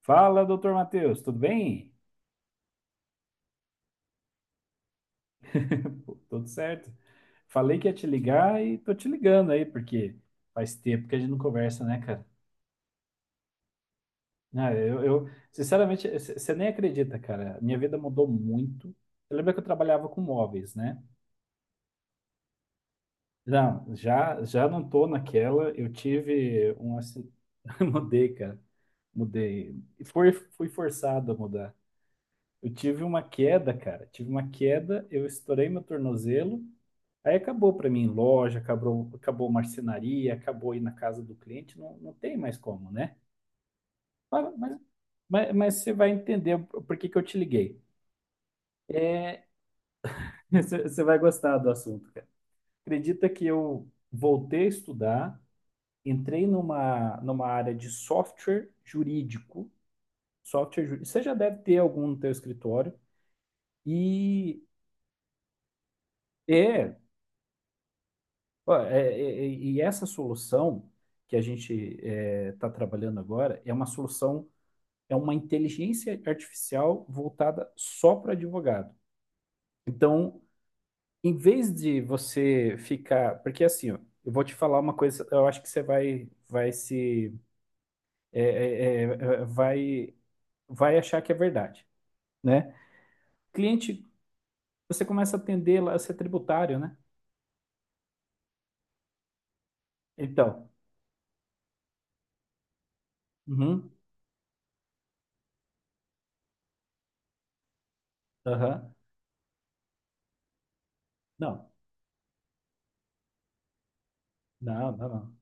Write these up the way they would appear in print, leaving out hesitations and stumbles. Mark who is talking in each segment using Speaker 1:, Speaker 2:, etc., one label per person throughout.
Speaker 1: Fala, doutor Matheus, tudo bem? Pô, tudo certo? Falei que ia te ligar e tô te ligando aí, porque faz tempo que a gente não conversa, né, cara? Sinceramente, você nem acredita, cara. Minha vida mudou muito. Eu lembro que eu trabalhava com móveis, né? Não, já não tô naquela. Eu tive um acidente. Mudei, cara. Mudei. E fui forçado a mudar. Eu tive uma queda, cara. Tive uma queda, eu estourei meu tornozelo. Aí acabou para mim loja, acabou, acabou marcenaria, acabou ir na casa do cliente, não, não tem mais como, né? Mas, mas, mas você vai entender por que que eu te liguei. É, você vai gostar do assunto, cara. Acredita que eu voltei a estudar, entrei numa área de software jurídico, software jurídico. Você já deve ter algum no teu escritório. E é, ó, e essa solução que a gente está trabalhando agora é uma solução, é uma inteligência artificial voltada só para advogado. Então, em vez de você ficar. Porque assim, ó, eu vou te falar uma coisa, eu acho que você vai, vai se. É, é, é, é, vai, vai achar que é verdade, né? Cliente, você começa a atender lá, você é tributário, né? Então. Uhum, aham. Não, não, não, não.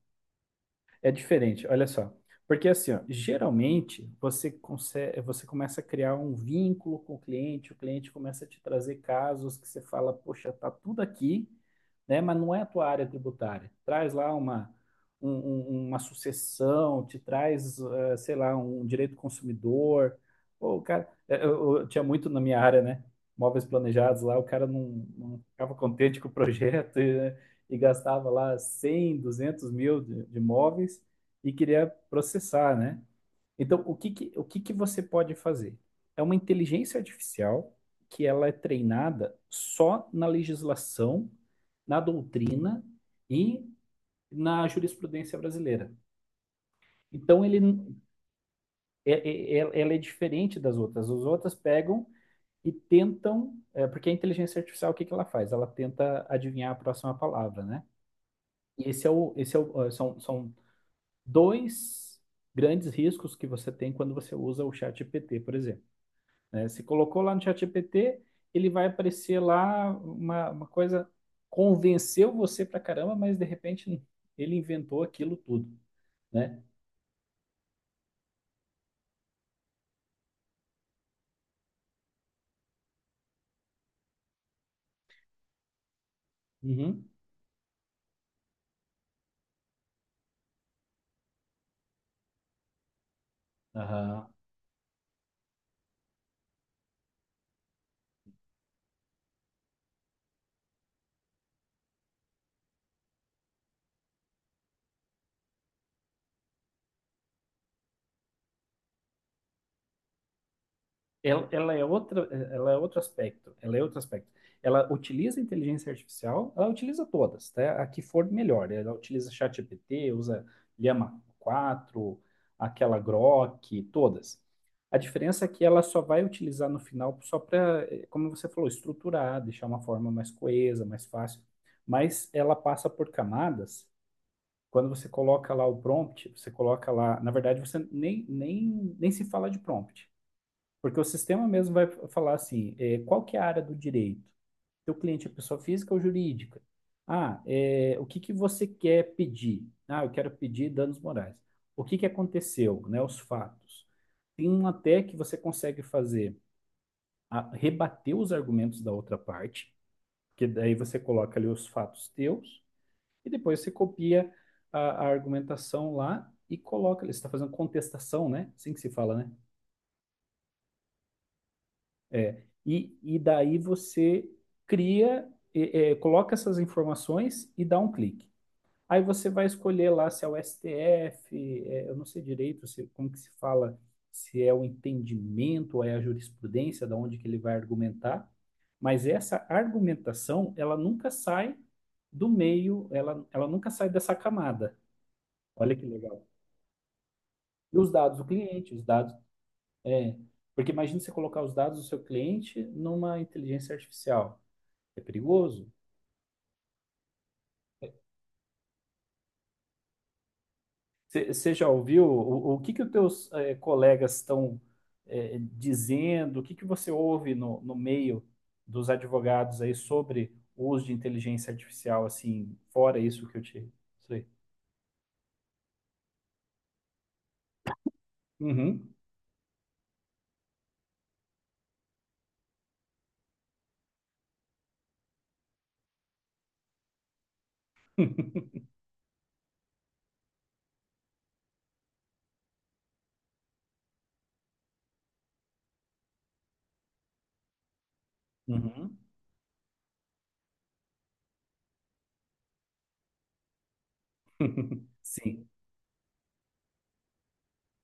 Speaker 1: É diferente, olha só. Porque assim, ó, geralmente você consegue, você começa a criar um vínculo com o cliente começa a te trazer casos que você fala, poxa, tá tudo aqui, né? Mas não é a tua área tributária. Traz lá uma sucessão, te traz, sei lá, um direito consumidor. Pô, o cara, eu tinha muito na minha área, né? Móveis planejados lá, o cara não ficava contente com o projeto, né? E gastava lá 100 200 mil de móveis e queria processar, né? Então, o que que você pode fazer? É uma inteligência artificial que ela é treinada só na legislação, na doutrina e na jurisprudência brasileira. Então, ele, é, é- é- ela é diferente das outras. As outras pegam e tentam, é, porque a inteligência artificial, o que que ela faz? Ela tenta adivinhar a próxima palavra, né? E esse é o, são, são dois grandes riscos que você tem quando você usa o ChatGPT, por exemplo. Né? Você colocou lá no ChatGPT, ele vai aparecer lá uma coisa, convenceu você pra caramba, mas de repente ele inventou aquilo tudo, né? Uhum. Aham. Ela é outra, ela é outro aspecto, ela é outro aspecto. Ela utiliza a inteligência artificial, ela utiliza todas, tá? A que for melhor. Ela utiliza ChatGPT, usa Llama quatro, aquela Grok, todas. A diferença é que ela só vai utilizar no final só para, como você falou, estruturar, deixar uma forma mais coesa, mais fácil. Mas ela passa por camadas. Quando você coloca lá o prompt, você coloca lá, na verdade, você nem se fala de prompt. Porque o sistema mesmo vai falar assim, qual que é a área do direito? Teu cliente é pessoa física ou jurídica? O que que você quer pedir? Ah, eu quero pedir danos morais. O que que aconteceu, né? Os fatos. Tem um até que você consegue fazer, rebater os argumentos da outra parte, que daí você coloca ali os fatos teus, e depois você copia a, a argumentação lá e coloca ali. Você está fazendo contestação, né? Assim que se fala, né? E daí você cria, coloca essas informações e dá um clique. Aí você vai escolher lá se é o STF, é, eu não sei direito se, como que se fala, se é o entendimento ou é a jurisprudência, da onde que ele vai argumentar, mas essa argumentação, ela nunca sai do meio, ela nunca sai dessa camada. Olha que legal. E os dados do cliente, os dados, é, porque imagina você colocar os dados do seu cliente numa inteligência artificial. É perigoso. Você já ouviu o que que os teus colegas estão dizendo? O que que você ouve no meio dos advogados aí sobre o uso de inteligência artificial, assim, fora isso que eu te... Sei. Uhum. Uhum. Sim.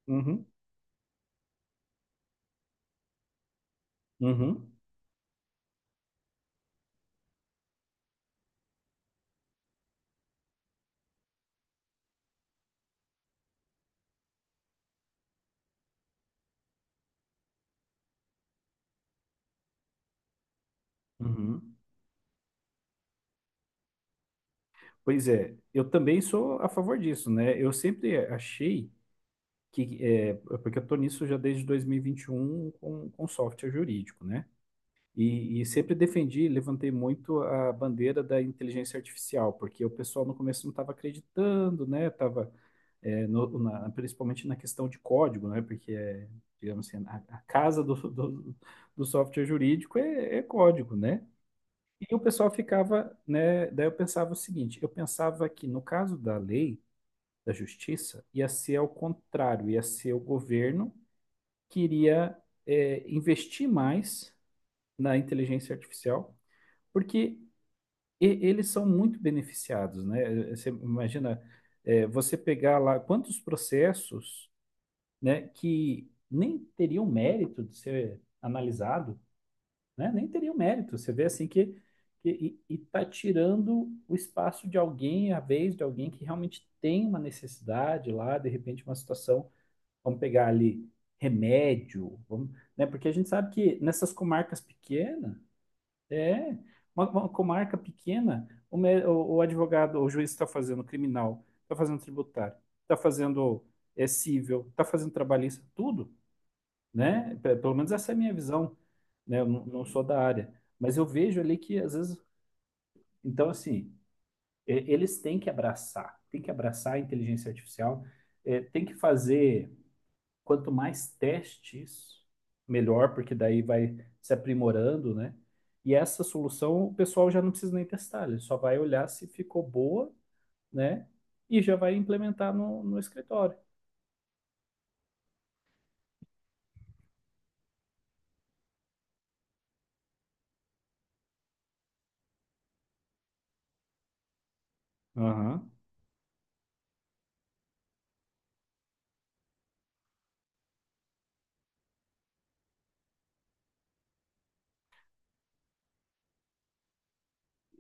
Speaker 1: Uhum. Uhum. Uhum. Pois é, eu também sou a favor disso, né? Eu sempre achei que, é, porque eu tô nisso já desde dois mil e vinte e um com software jurídico, né? E sempre defendi, levantei muito a bandeira da inteligência artificial, porque o pessoal no começo não estava acreditando, né? Tava, principalmente na questão de código, né? Porque é, digamos assim, a casa do software jurídico é, é código, né? E o pessoal ficava, né? Daí eu pensava o seguinte, eu pensava que no caso da lei, da justiça, ia ser ao contrário, ia ser o governo que iria, é, investir mais na inteligência artificial porque e- eles são muito beneficiados, né? É, você imagina, é, você pegar lá quantos processos, né, que nem teriam mérito de ser analisado, né? Nem teriam mérito. Você vê assim que está tirando o espaço de alguém, a vez de alguém que realmente tem uma necessidade lá, de repente uma situação, vamos pegar ali remédio, vamos, né? Porque a gente sabe que nessas comarcas pequenas é, uma comarca pequena, o advogado, o juiz está fazendo criminal, está fazendo tributário, está fazendo civil, está fazendo trabalhista, tudo, né? Pelo menos essa é a minha visão, né? Eu não sou da área, mas eu vejo ali que às vezes, então assim, eles têm que abraçar a inteligência artificial, é, tem que fazer quanto mais testes, melhor, porque daí vai se aprimorando, né? E essa solução o pessoal já não precisa nem testar, ele só vai olhar se ficou boa, né? E já vai implementar no escritório. Aham,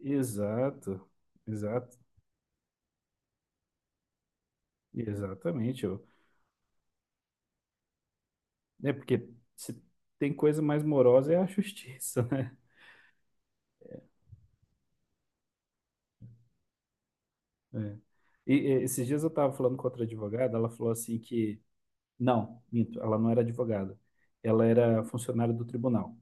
Speaker 1: exato, exato, exatamente. É porque se tem coisa mais morosa é a justiça, né? É. Esses dias eu estava falando com outra advogada, ela falou assim que, não, minto, ela não era advogada, ela era funcionária do tribunal.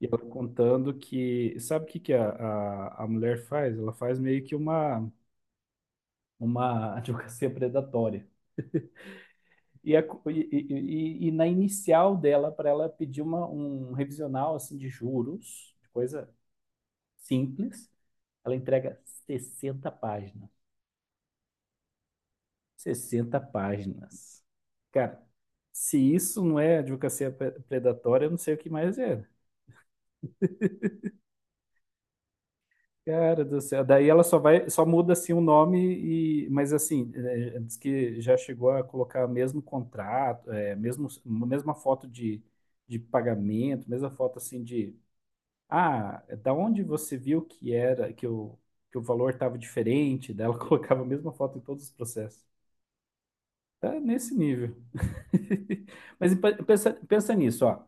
Speaker 1: E ela contando que. Sabe o que, que a mulher faz? Ela faz meio que uma advocacia predatória. E, a co- e na inicial dela, para ela pedir um revisional assim, de juros, coisa simples, ela entrega 60 páginas. 60 páginas. Cara, se isso não é predatória, eu não sei o que mais é. Cara do céu. Daí ela só vai, só muda assim o nome e, mas assim, é, diz que já chegou a colocar mesmo contrato, é, mesmo mesma foto de pagamento, mesma foto assim de, ah, é da onde você viu que era que o valor estava diferente, daí ela colocava a mesma foto em todos os processos. Tá nesse nível. Mas pensa nisso, ó.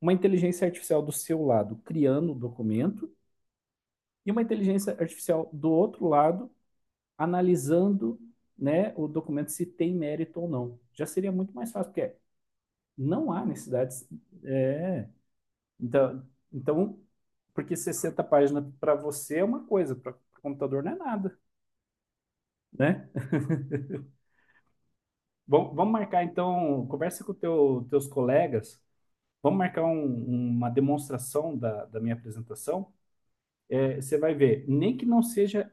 Speaker 1: Uma inteligência artificial do seu lado criando o documento e uma inteligência artificial do outro lado analisando, né, o documento se tem mérito ou não. Já seria muito mais fácil, porque não há necessidade. É, então, então, porque 60 páginas para você é uma coisa, para o computador não é nada, né? Bom, vamos marcar então, conversa com teus colegas, vamos marcar uma demonstração da minha apresentação. É, você vai ver, nem que não seja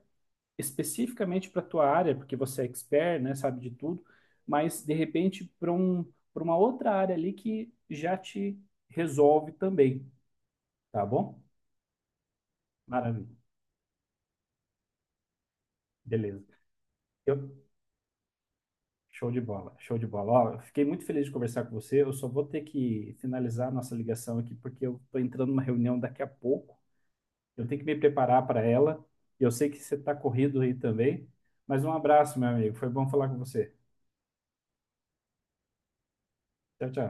Speaker 1: especificamente para a tua área, porque você é expert, né, sabe de tudo, mas de repente para um, para uma outra área ali que já te resolve também, tá bom? Maravilha, beleza. Eu, show de bola, show de bola. Ó, eu fiquei muito feliz de conversar com você. Eu só vou ter que finalizar a nossa ligação aqui, porque eu estou entrando numa reunião daqui a pouco. Eu tenho que me preparar para ela. E eu sei que você está corrido aí também. Mas um abraço, meu amigo. Foi bom falar com você. Tchau, tchau.